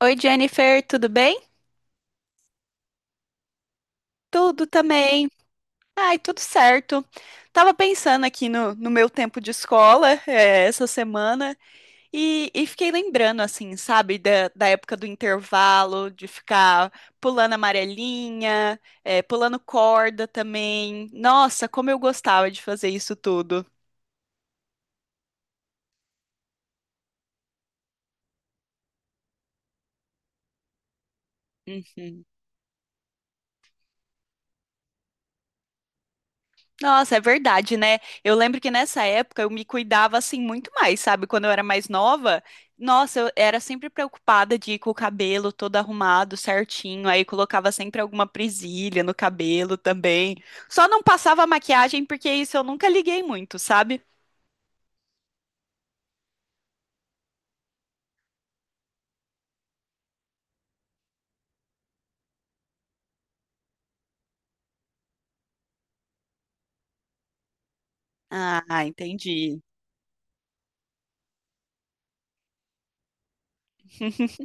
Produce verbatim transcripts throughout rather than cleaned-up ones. Oi, Jennifer, tudo bem? Tudo também. Ai, tudo certo. Tava pensando aqui no, no meu tempo de escola, eh, essa semana e, e fiquei lembrando, assim, sabe, da, da época do intervalo, de ficar pulando amarelinha, eh, pulando corda também. Nossa, como eu gostava de fazer isso tudo. Uhum. Nossa, é verdade, né? Eu lembro que nessa época eu me cuidava assim muito mais, sabe? Quando eu era mais nova, nossa, eu era sempre preocupada de ir com o cabelo todo arrumado, certinho, aí colocava sempre alguma presilha no cabelo também. Só não passava maquiagem porque isso eu nunca liguei muito, sabe? Ah, entendi.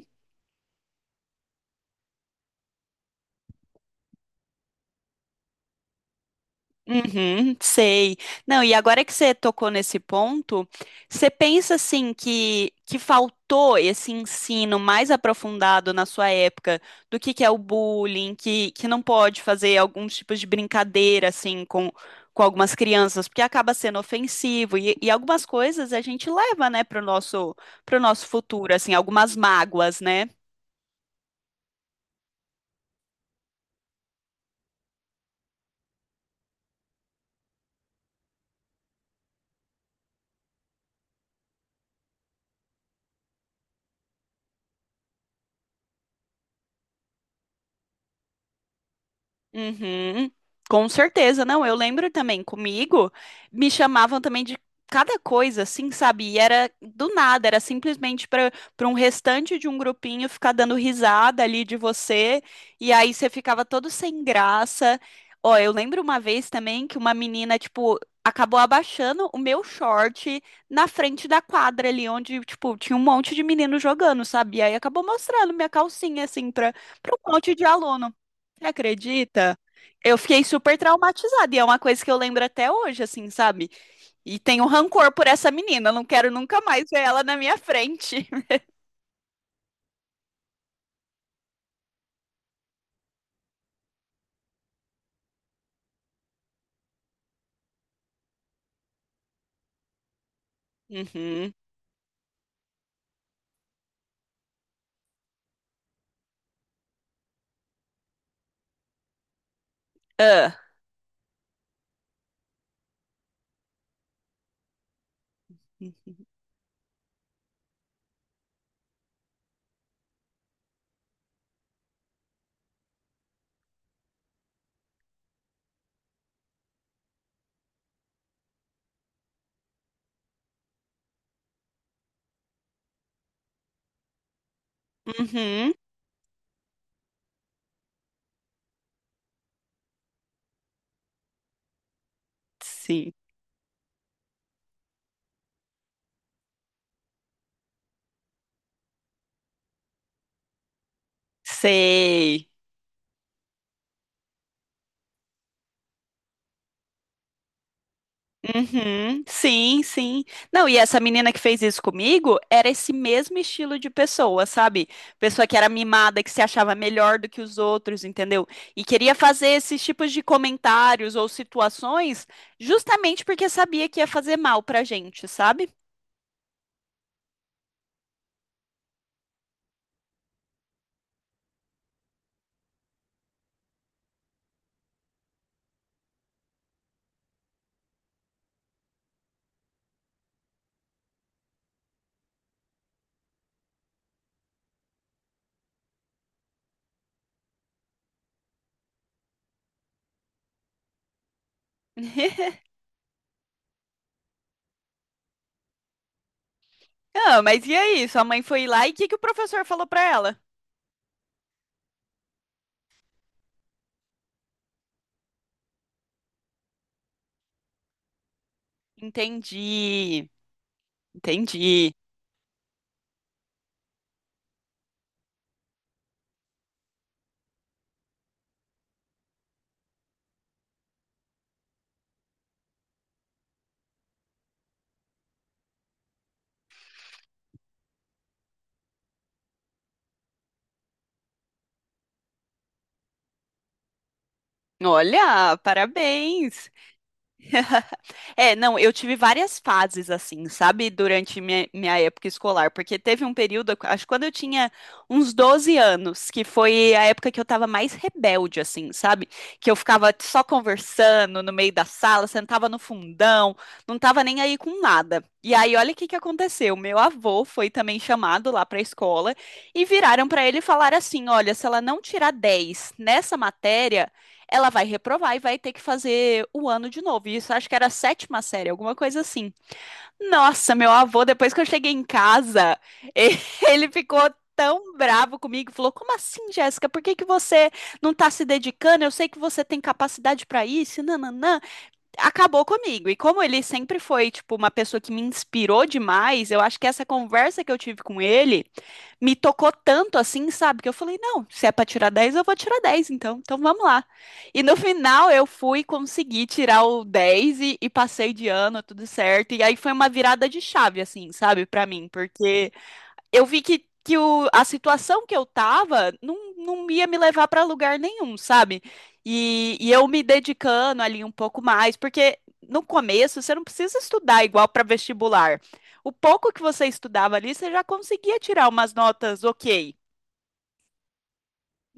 Uhum, sei. Não, e agora que você tocou nesse ponto, você pensa assim que que faltou esse ensino mais aprofundado na sua época do que que é o bullying, que que não pode fazer alguns tipos de brincadeira assim com com algumas crianças, porque acaba sendo ofensivo e, e algumas coisas a gente leva, né, pro nosso pro nosso futuro, assim, algumas mágoas, né? Uhum, com certeza, não. Eu lembro também, comigo, me chamavam também de cada coisa, assim, sabe? E era do nada, era simplesmente para para um restante de um grupinho ficar dando risada ali de você, e aí você ficava todo sem graça. Ó, eu lembro uma vez também que uma menina, tipo, acabou abaixando o meu short na frente da quadra ali, onde, tipo, tinha um monte de menino jogando, sabe? E aí acabou mostrando minha calcinha, assim, para para um monte de aluno. Você acredita? Eu fiquei super traumatizada e é uma coisa que eu lembro até hoje, assim, sabe? E tenho rancor por essa menina, eu não quero nunca mais ver ela na minha frente. Uhum. Ah. Uhum. Uhum. Sim. Sei. Uhum, sim, sim. Não, e essa menina que fez isso comigo era esse mesmo estilo de pessoa, sabe? Pessoa que era mimada, que se achava melhor do que os outros, entendeu? E queria fazer esses tipos de comentários ou situações justamente porque sabia que ia fazer mal pra gente, sabe? Ah, mas e aí? Sua mãe foi lá e o que que o professor falou pra ela? Entendi, entendi. Olha, parabéns. É, não, eu tive várias fases assim, sabe, durante minha, minha época escolar, porque teve um período, acho que quando eu tinha uns doze anos, que foi a época que eu tava mais rebelde, assim, sabe? Que eu ficava só conversando no meio da sala, sentava no fundão, não tava nem aí com nada. E aí, olha o que que aconteceu. Meu avô foi também chamado lá pra escola e viraram pra ele e falaram assim: olha, se ela não tirar dez nessa matéria ela vai reprovar e vai ter que fazer o ano de novo. Isso acho que era a sétima série, alguma coisa assim. Nossa, meu avô, depois que eu cheguei em casa, ele ficou tão bravo comigo, falou: "Como assim, Jéssica? Por que que você não tá se dedicando? Eu sei que você tem capacidade para isso, nananã" acabou comigo. E como ele sempre foi, tipo, uma pessoa que me inspirou demais, eu acho que essa conversa que eu tive com ele me tocou tanto assim, sabe? Que eu falei, não, se é pra tirar dez eu vou tirar dez então. Então vamos lá. E no final eu fui conseguir tirar o dez e, e passei de ano, tudo certo. E aí foi uma virada de chave, assim, sabe, pra mim, porque eu vi que, que o, a situação que eu tava não, não ia me levar para lugar nenhum, sabe? E, e eu me dedicando ali um pouco mais, porque no começo você não precisa estudar igual para vestibular. O pouco que você estudava ali, você já conseguia tirar umas notas ok.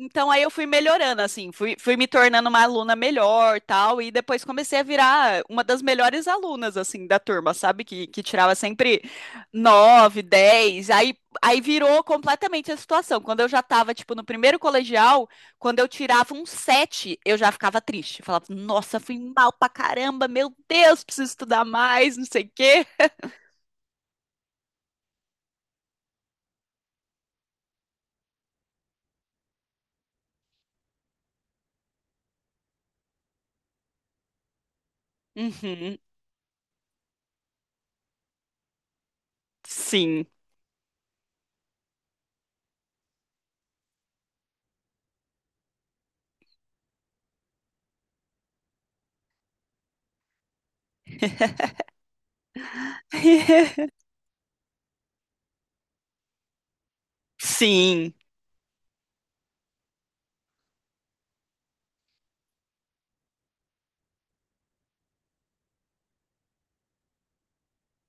Então aí eu fui melhorando, assim, fui, fui me tornando uma aluna melhor, tal, e depois comecei a virar uma das melhores alunas, assim, da turma, sabe? Que, que tirava sempre nove, dez, aí, aí virou completamente a situação. Quando eu já tava, tipo, no primeiro colegial, quando eu tirava um sete, eu já ficava triste. Falava, nossa, fui mal pra caramba, meu Deus, preciso estudar mais, não sei o quê. Uhum, sim. Sim.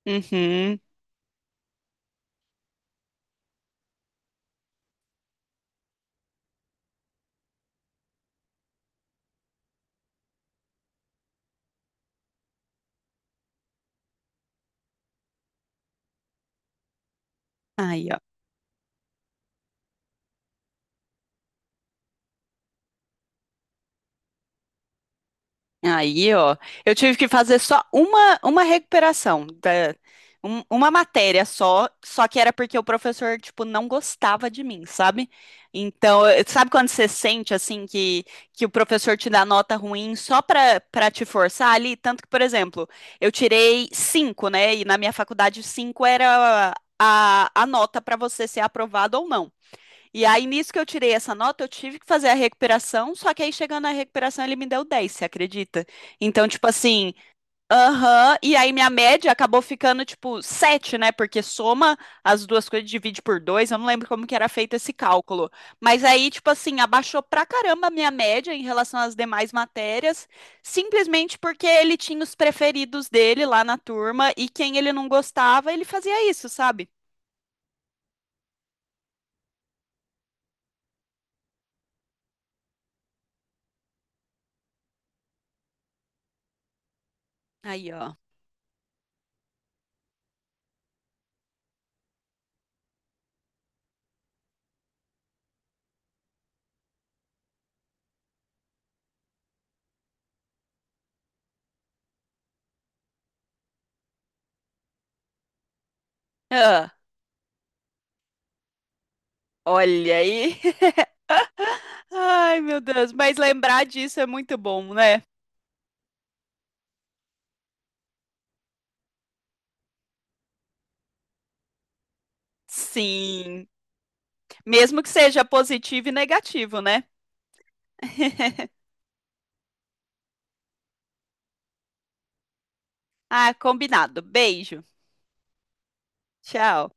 Uhum. Aí, ó. Aí, ó, eu tive que fazer só uma, uma recuperação da, um- uma matéria só, só que era porque o professor, tipo, não gostava de mim, sabe? Então, eh, sabe quando você sente, assim, que, que o, professor te dá nota ruim só pra, pra te forçar ali? Tanto que, por exemplo, eu tirei cinco, né? E na minha faculdade, cinco era a, a nota pra você ser aprovado ou não. E aí, nisso que eu tirei essa nota, eu tive que fazer a recuperação, só que aí chegando na recuperação ele me deu dez, você acredita? Então, tipo assim, aham, e aí minha média acabou ficando tipo sete, né? Porque soma as duas coisas, divide por dois. Eu não lembro como que era feito esse cálculo. Mas aí, tipo assim, abaixou pra caramba a minha média em relação às demais matérias, simplesmente porque ele tinha os preferidos dele lá na turma e quem ele não gostava, ele fazia isso, sabe? Aí, ó. Ah, olha aí. Ai, meu Deus, mas lembrar disso é muito bom, né? Sim, mesmo que seja positivo e negativo, né? Ah, combinado. Beijo. Tchau.